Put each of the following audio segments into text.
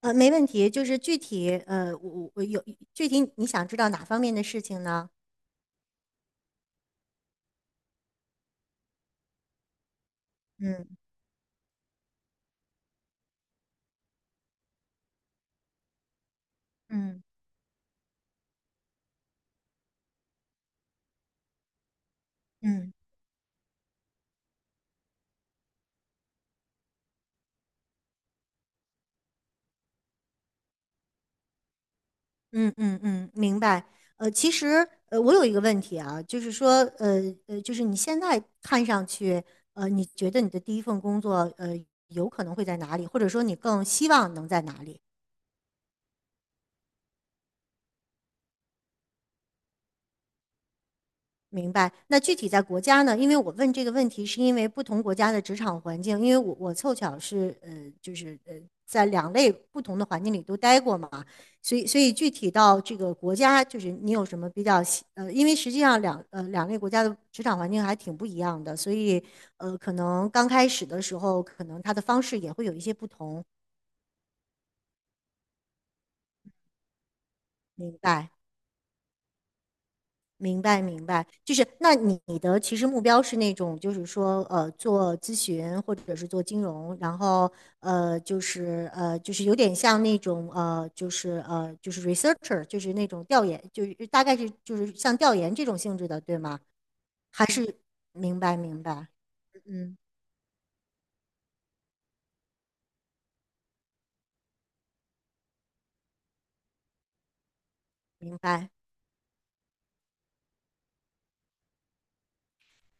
没问题。就是具体，我有具体你想知道哪方面的事情呢？嗯嗯嗯嗯，明白。其实，我有一个问题啊，就是说，呃就是你现在看上去，你觉得你的第一份工作，有可能会在哪里，或者说你更希望能在哪里？明白。那具体在国家呢？因为我问这个问题，是因为不同国家的职场环境，因为我凑巧是就是在两类不同的环境里都待过嘛，所以具体到这个国家，就是你有什么比较喜因为实际上两两类国家的职场环境还挺不一样的，所以可能刚开始的时候，可能它的方式也会有一些不同。明白。就是那你的其实目标是那种，就是说，做咨询或者是做金融，然后就是就是有点像那种就是就是 researcher,就是那种调研，就是大概是就是像调研这种性质的，对吗？还是明白，明白，嗯，明白。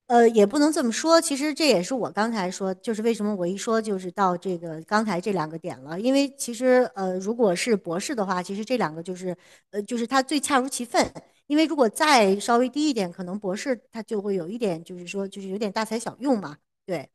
也不能这么说。其实这也是我刚才说，就是为什么我一说就是到这个刚才这两个点了。因为其实如果是博士的话，其实这两个就是就是他最恰如其分。因为如果再稍微低一点，可能博士他就会有一点，就是说就是有点大材小用嘛。对，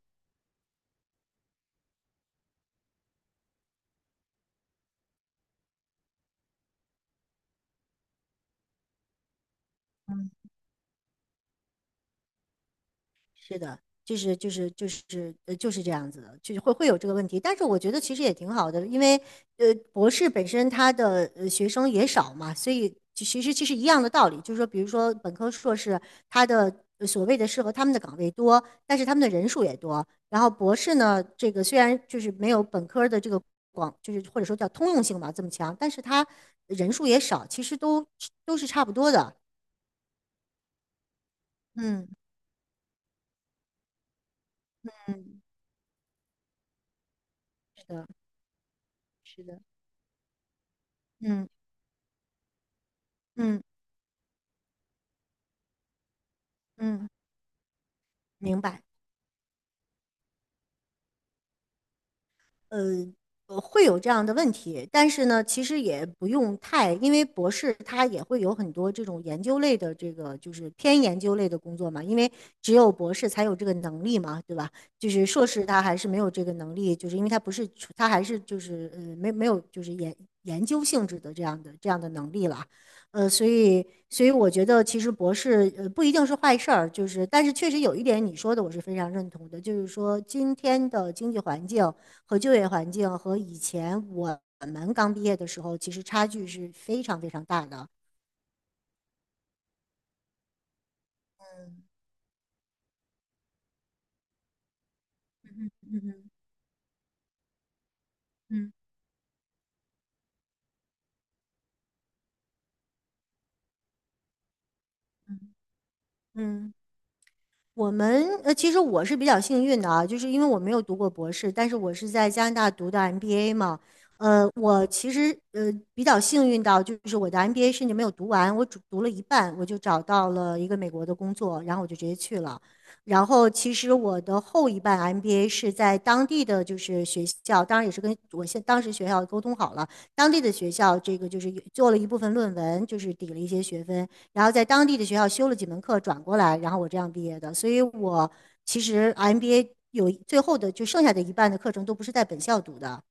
是的，就是就是这样子的，就是会有这个问题。但是我觉得其实也挺好的，因为博士本身他的学生也少嘛，所以其实一样的道理，就是说比如说本科硕士他的。所谓的适合他们的岗位多，但是他们的人数也多。然后博士呢，这个虽然就是没有本科的这个广，就是或者说叫通用性吧这么强，但是他人数也少，其实都是差不多的。嗯嗯，是的，是的，嗯嗯嗯。明白。呃，会有这样的问题，但是呢，其实也不用太，因为博士他也会有很多这种研究类的这个就是偏研究类的工作嘛，因为只有博士才有这个能力嘛，对吧？就是硕士他还是没有这个能力，就是因为他不是他还是就是没有就是研究性质的这样的能力了，所以我觉得其实博士不一定是坏事儿，就是但是确实有一点你说的我是非常认同的，就是说今天的经济环境和就业环境和以前我们刚毕业的时候，其实差距是非常非常大的。嗯嗯嗯。嗯，我们其实我是比较幸运的啊，就是因为我没有读过博士，但是我是在加拿大读的 MBA 嘛。我其实比较幸运到，就是我的 MBA 甚至没有读完，我只读了一半，我就找到了一个美国的工作，然后我就直接去了。然后其实我的后一半 MBA 是在当地的就是学校，当然也是跟我现当时学校沟通好了，当地的学校这个就是有做了一部分论文，就是抵了一些学分，然后在当地的学校修了几门课，转过来，然后我这样毕业的。所以我其实 MBA 有最后的就剩下的一半的课程都不是在本校读的。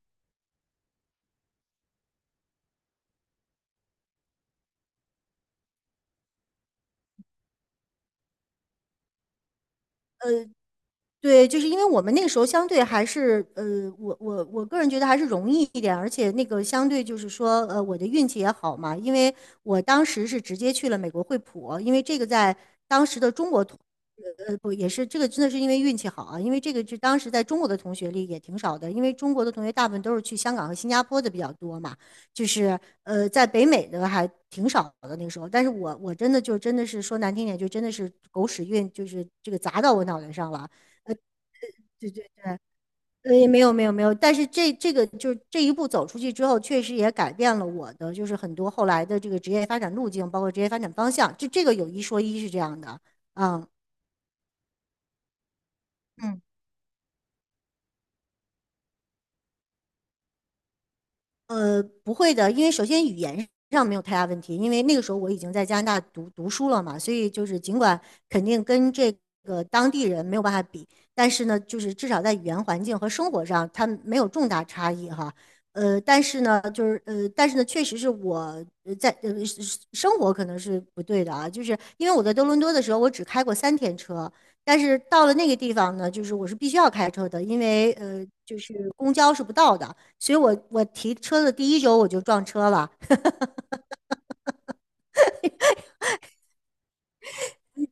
呃，对，就是因为我们那个时候相对还是，我个人觉得还是容易一点，而且那个相对就是说，我的运气也好嘛，因为我当时是直接去了美国惠普，因为这个在当时的中国同不也是这个真的是因为运气好啊，因为这个是当时在中国的同学里也挺少的，因为中国的同学大部分都是去香港和新加坡的比较多嘛，就是在北美的还挺少的那个时候，但是我真的就真的是说难听点，就真的是狗屎运，就是这个砸到我脑袋上了。就就。也没有，但是这个就是这一步走出去之后，确实也改变了我的就是很多后来的这个职业发展路径，包括职业发展方向。这个有一说一是这样的。嗯，不会的，因为首先语言上没有太大问题，因为那个时候我已经在加拿大读书了嘛，所以就是尽管肯定跟这个当地人没有办法比，但是呢，就是至少在语言环境和生活上，它没有重大差异哈。但是呢，确实是我呃在呃是生活可能是不对的啊，就是因为我在多伦多的时候，我只开过三天车，但是到了那个地方呢，就是我是必须要开车的，因为公交是不到的，所以我提车的第一周我就撞车了，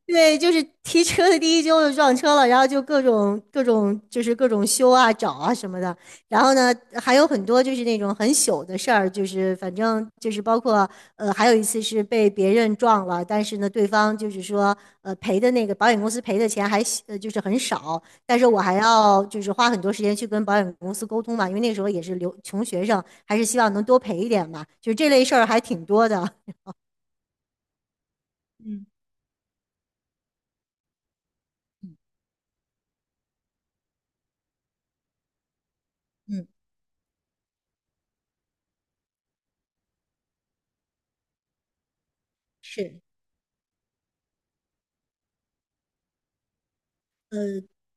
对，就是提车的第一周就撞车了，然后就各种各种就是各种修啊、找啊什么的。然后呢，还有很多就是那种很糗的事儿，就是反正就是包括还有一次是被别人撞了，但是呢，对方就是说赔的那个保险公司赔的钱还就是很少，但是我还要就是花很多时间去跟保险公司沟通嘛，因为那时候也是留穷学生，还是希望能多赔一点嘛，就是这类事儿还挺多的。嗯嗯，是。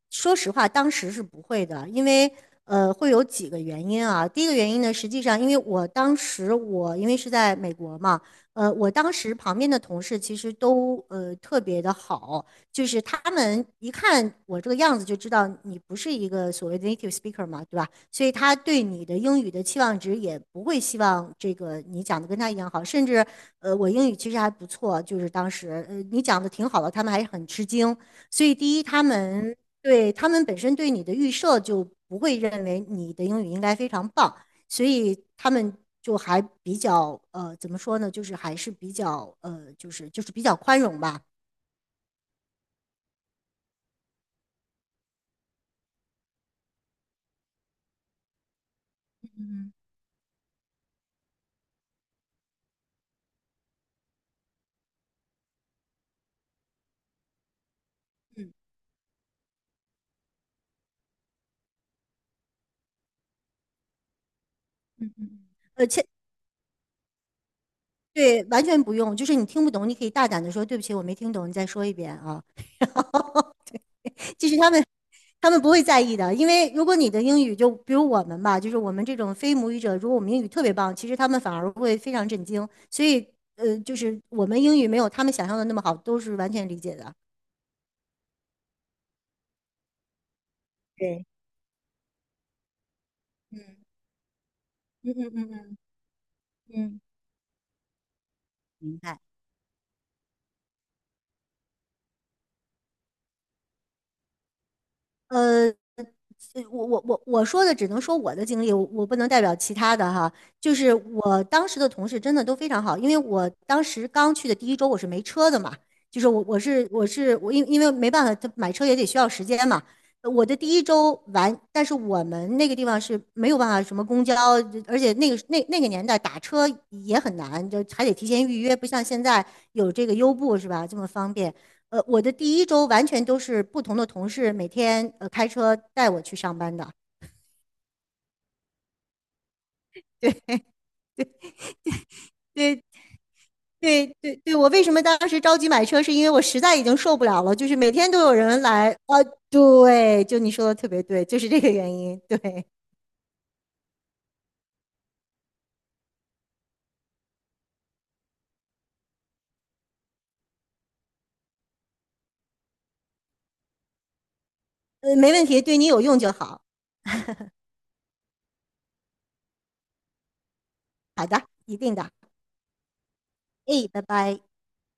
说实话，当时是不会的，因为会有几个原因啊。第一个原因呢，实际上因为我当时因为是在美国嘛，我当时旁边的同事其实都特别的好，就是他们一看我这个样子就知道你不是一个所谓的 native speaker 嘛，对吧？所以他对你的英语的期望值也不会希望这个你讲的跟他一样好，甚至我英语其实还不错，就是当时你讲的挺好的，他们还是很吃惊。所以第一，他们对，他们本身对你的预设就不会认为你的英语应该非常棒，所以他们就还比较怎么说呢，就是还是比较就是比较宽容吧。嗯，而且对，完全不用，就是你听不懂，你可以大胆的说对不起，我没听懂，你再说一遍啊。其实他们不会在意的，因为如果你的英语就比如我们吧，就是我们这种非母语者，如果我们英语特别棒，其实他们反而会非常震惊。所以就是我们英语没有他们想象的那么好，都是完全理解的。对，嗯嗯嗯嗯嗯嗯，明白。呃，所以我说的只能说我的经历，我不能代表其他的哈。就是我当时的同事真的都非常好，因为我当时刚去的第一周我是没车的嘛，就是我因为没办法，他买车也得需要时间嘛。我的第一周完，但是我们那个地方是没有办法什么公交，而且那个年代打车也很难，就还得提前预约，不像现在有这个优步是吧，这么方便。我的第一周完全都是不同的同事每天开车带我去上班的。对对,我为什么当时着急买车，是因为我实在已经受不了了，就是每天都有人来。啊，对，就你说的特别对，就是这个原因。对，没问题，对你有用就好。好的，一定的。哎，拜拜。